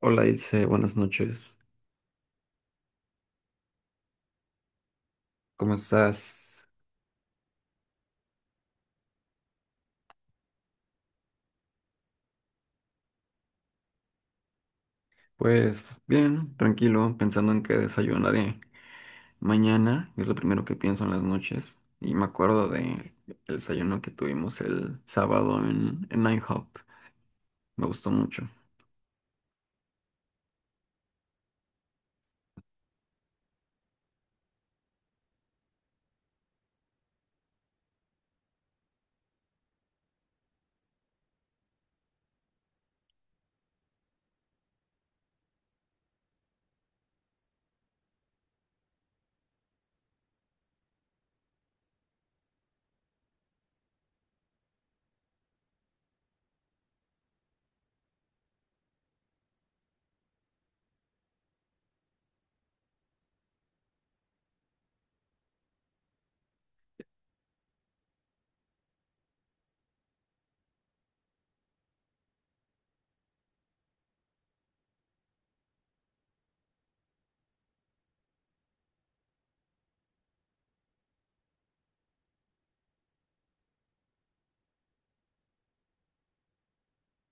Hola Ilse, buenas noches. ¿Cómo estás? Pues bien, tranquilo, pensando en qué desayunaré mañana, es lo primero que pienso en las noches. Y me acuerdo de el desayuno que tuvimos el sábado en IHOP. Me gustó mucho.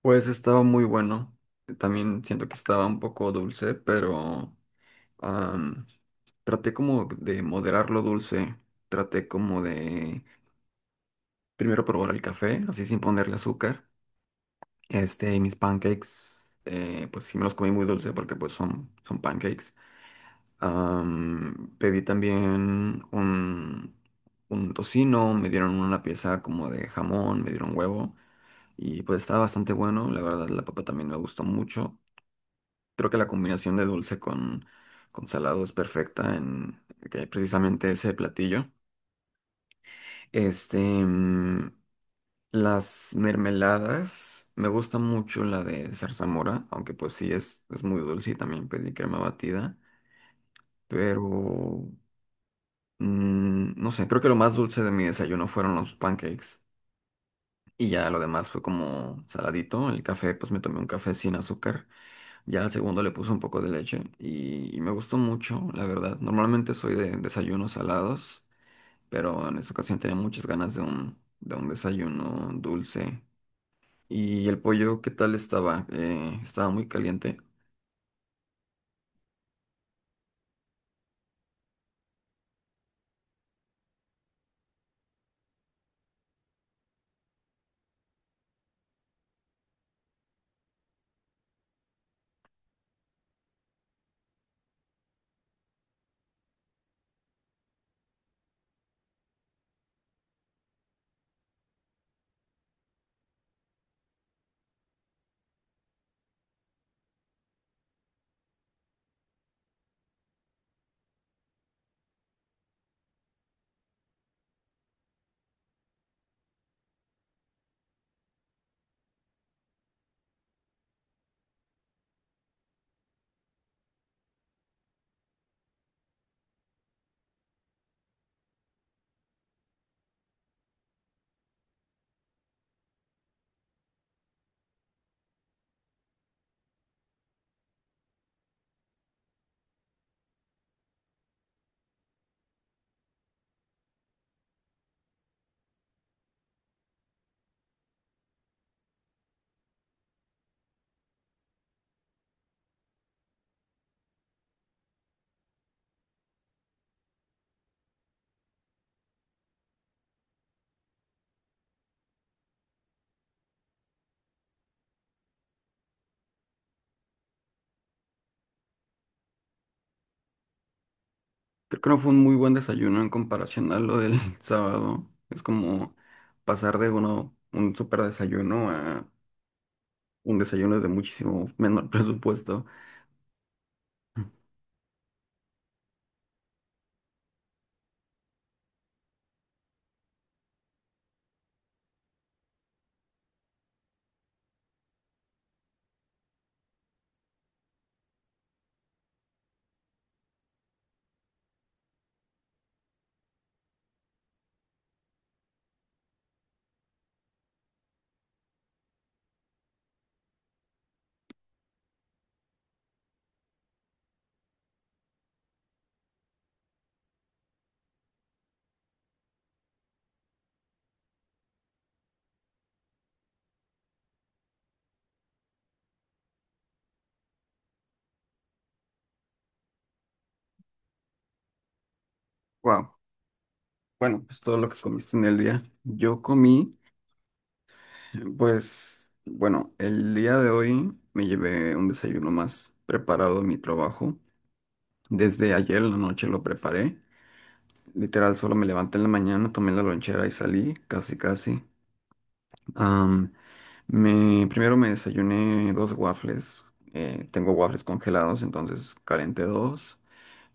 Pues estaba muy bueno. También siento que estaba un poco dulce, pero am, traté como de moderar lo dulce. Traté como de primero probar el café, así sin ponerle azúcar. Este, y mis pancakes, pues sí me los comí muy dulce porque pues son pancakes. Pedí también un tocino, me dieron una pieza como de jamón, me dieron huevo y pues estaba bastante bueno. La verdad, la papa también me gustó mucho. Creo que la combinación de dulce con salado es perfecta en que precisamente ese platillo. Este, mm, las mermeladas, me gusta mucho la de zarzamora, aunque pues sí es muy dulce y también pedí crema batida, pero mm, no sé, creo que lo más dulce de mi desayuno fueron los pancakes y ya lo demás fue como saladito. El café pues me tomé un café sin azúcar, ya al segundo le puse un poco de leche y me gustó mucho, la verdad. Normalmente soy de desayunos salados, pero en esta ocasión tenía muchas ganas de de un desayuno dulce. Y el pollo, ¿qué tal estaba? Estaba muy caliente. Creo que no fue un muy buen desayuno en comparación a lo del sábado. Es como pasar de uno, un súper desayuno a un desayuno de muchísimo menor presupuesto. Wow. Bueno, pues todo lo que comiste en el día. Yo comí, pues, bueno, el día de hoy me llevé un desayuno más preparado a mi trabajo. Desde ayer en la noche lo preparé. Literal, solo me levanté en la mañana, tomé la lonchera y salí, casi, casi. Am, Primero me desayuné dos waffles. Eh, tengo waffles congelados, entonces calenté dos.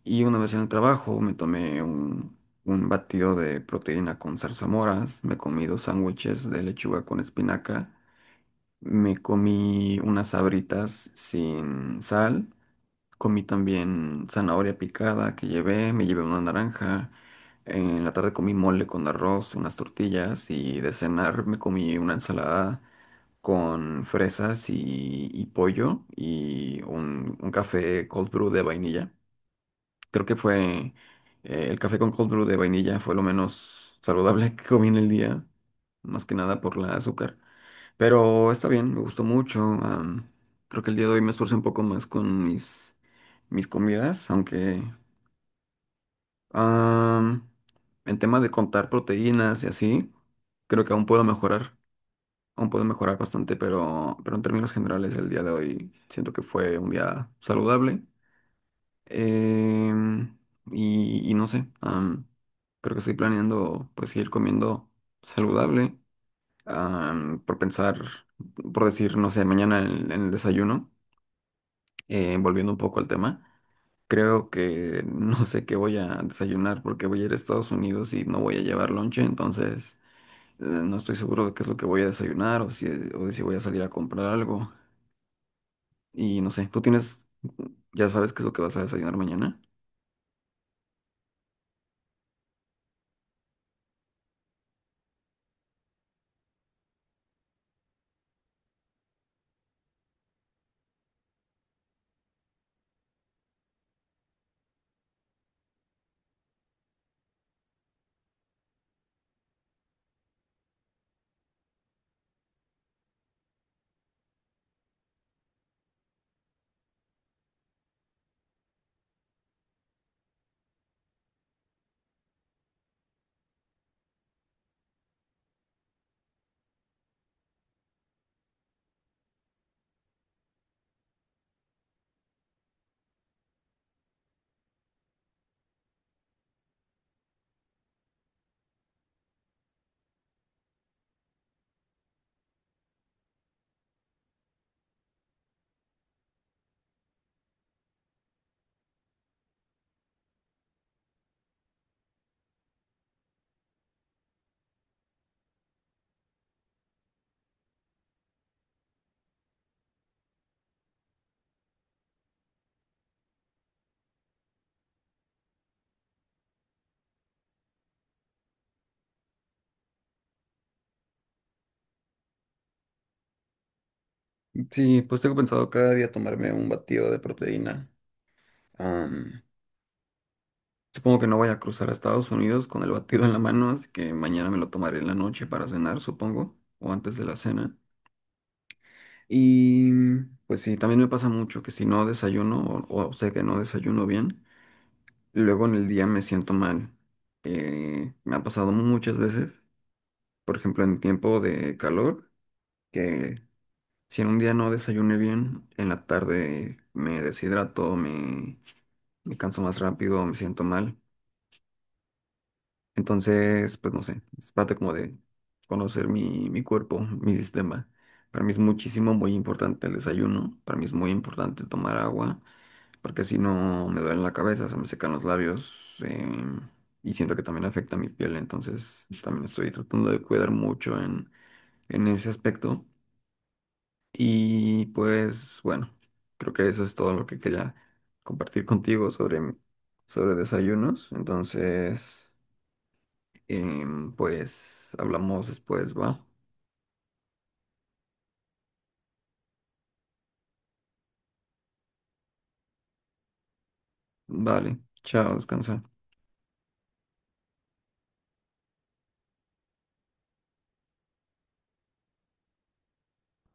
Y una vez en el trabajo me tomé un batido de proteína con zarzamoras. Me comí dos sándwiches de lechuga con espinaca. Me comí unas sabritas sin sal. Comí también zanahoria picada que llevé, me llevé una naranja. En la tarde comí mole con arroz, unas tortillas y de cenar me comí una ensalada con fresas y pollo y un café cold brew de vainilla. Creo que fue el café con cold brew de vainilla fue lo menos saludable que comí en el día, más que nada por la azúcar. Pero está bien, me gustó mucho. Creo que el día de hoy me esforcé un poco más con mis comidas, aunque am, en temas de contar proteínas y así, creo que aún puedo mejorar bastante, pero en términos generales el día de hoy siento que fue un día saludable. Em, y, y no sé, creo que estoy planeando pues ir comiendo saludable, por pensar, por decir, no sé, mañana en el desayuno, volviendo un poco al tema, creo que no sé qué voy a desayunar porque voy a ir a Estados Unidos y no voy a llevar lonche, entonces no estoy seguro de qué es lo que voy a desayunar o de si voy a salir a comprar algo y no sé, ¿tú tienes, ya sabes qué es lo que vas a desayunar mañana? Sí, pues tengo pensado cada día tomarme un batido de proteína. Am, Supongo que no voy a cruzar a Estados Unidos con el batido en la mano, así que mañana me lo tomaré en la noche para cenar, supongo, o antes de la cena. Y pues sí, también me pasa mucho que si no desayuno o sé que no desayuno bien, luego en el día me siento mal. Me ha pasado muchas veces, por ejemplo, en tiempo de calor, que si en un día no desayuné bien, en la tarde me deshidrato, me canso más rápido, me siento mal. Entonces, pues no sé, es parte como de conocer mi cuerpo, mi sistema. Para mí es muchísimo, muy importante el desayuno, para mí es muy importante tomar agua, porque si no me duele la cabeza, se me secan los labios em, y siento que también afecta mi piel, entonces también estoy tratando de cuidar mucho en ese aspecto. Y pues bueno, creo que eso es todo lo que quería compartir contigo sobre, mi- sobre desayunos, entonces... Em, pues hablamos después, ¿va? Vale, chao, descansa.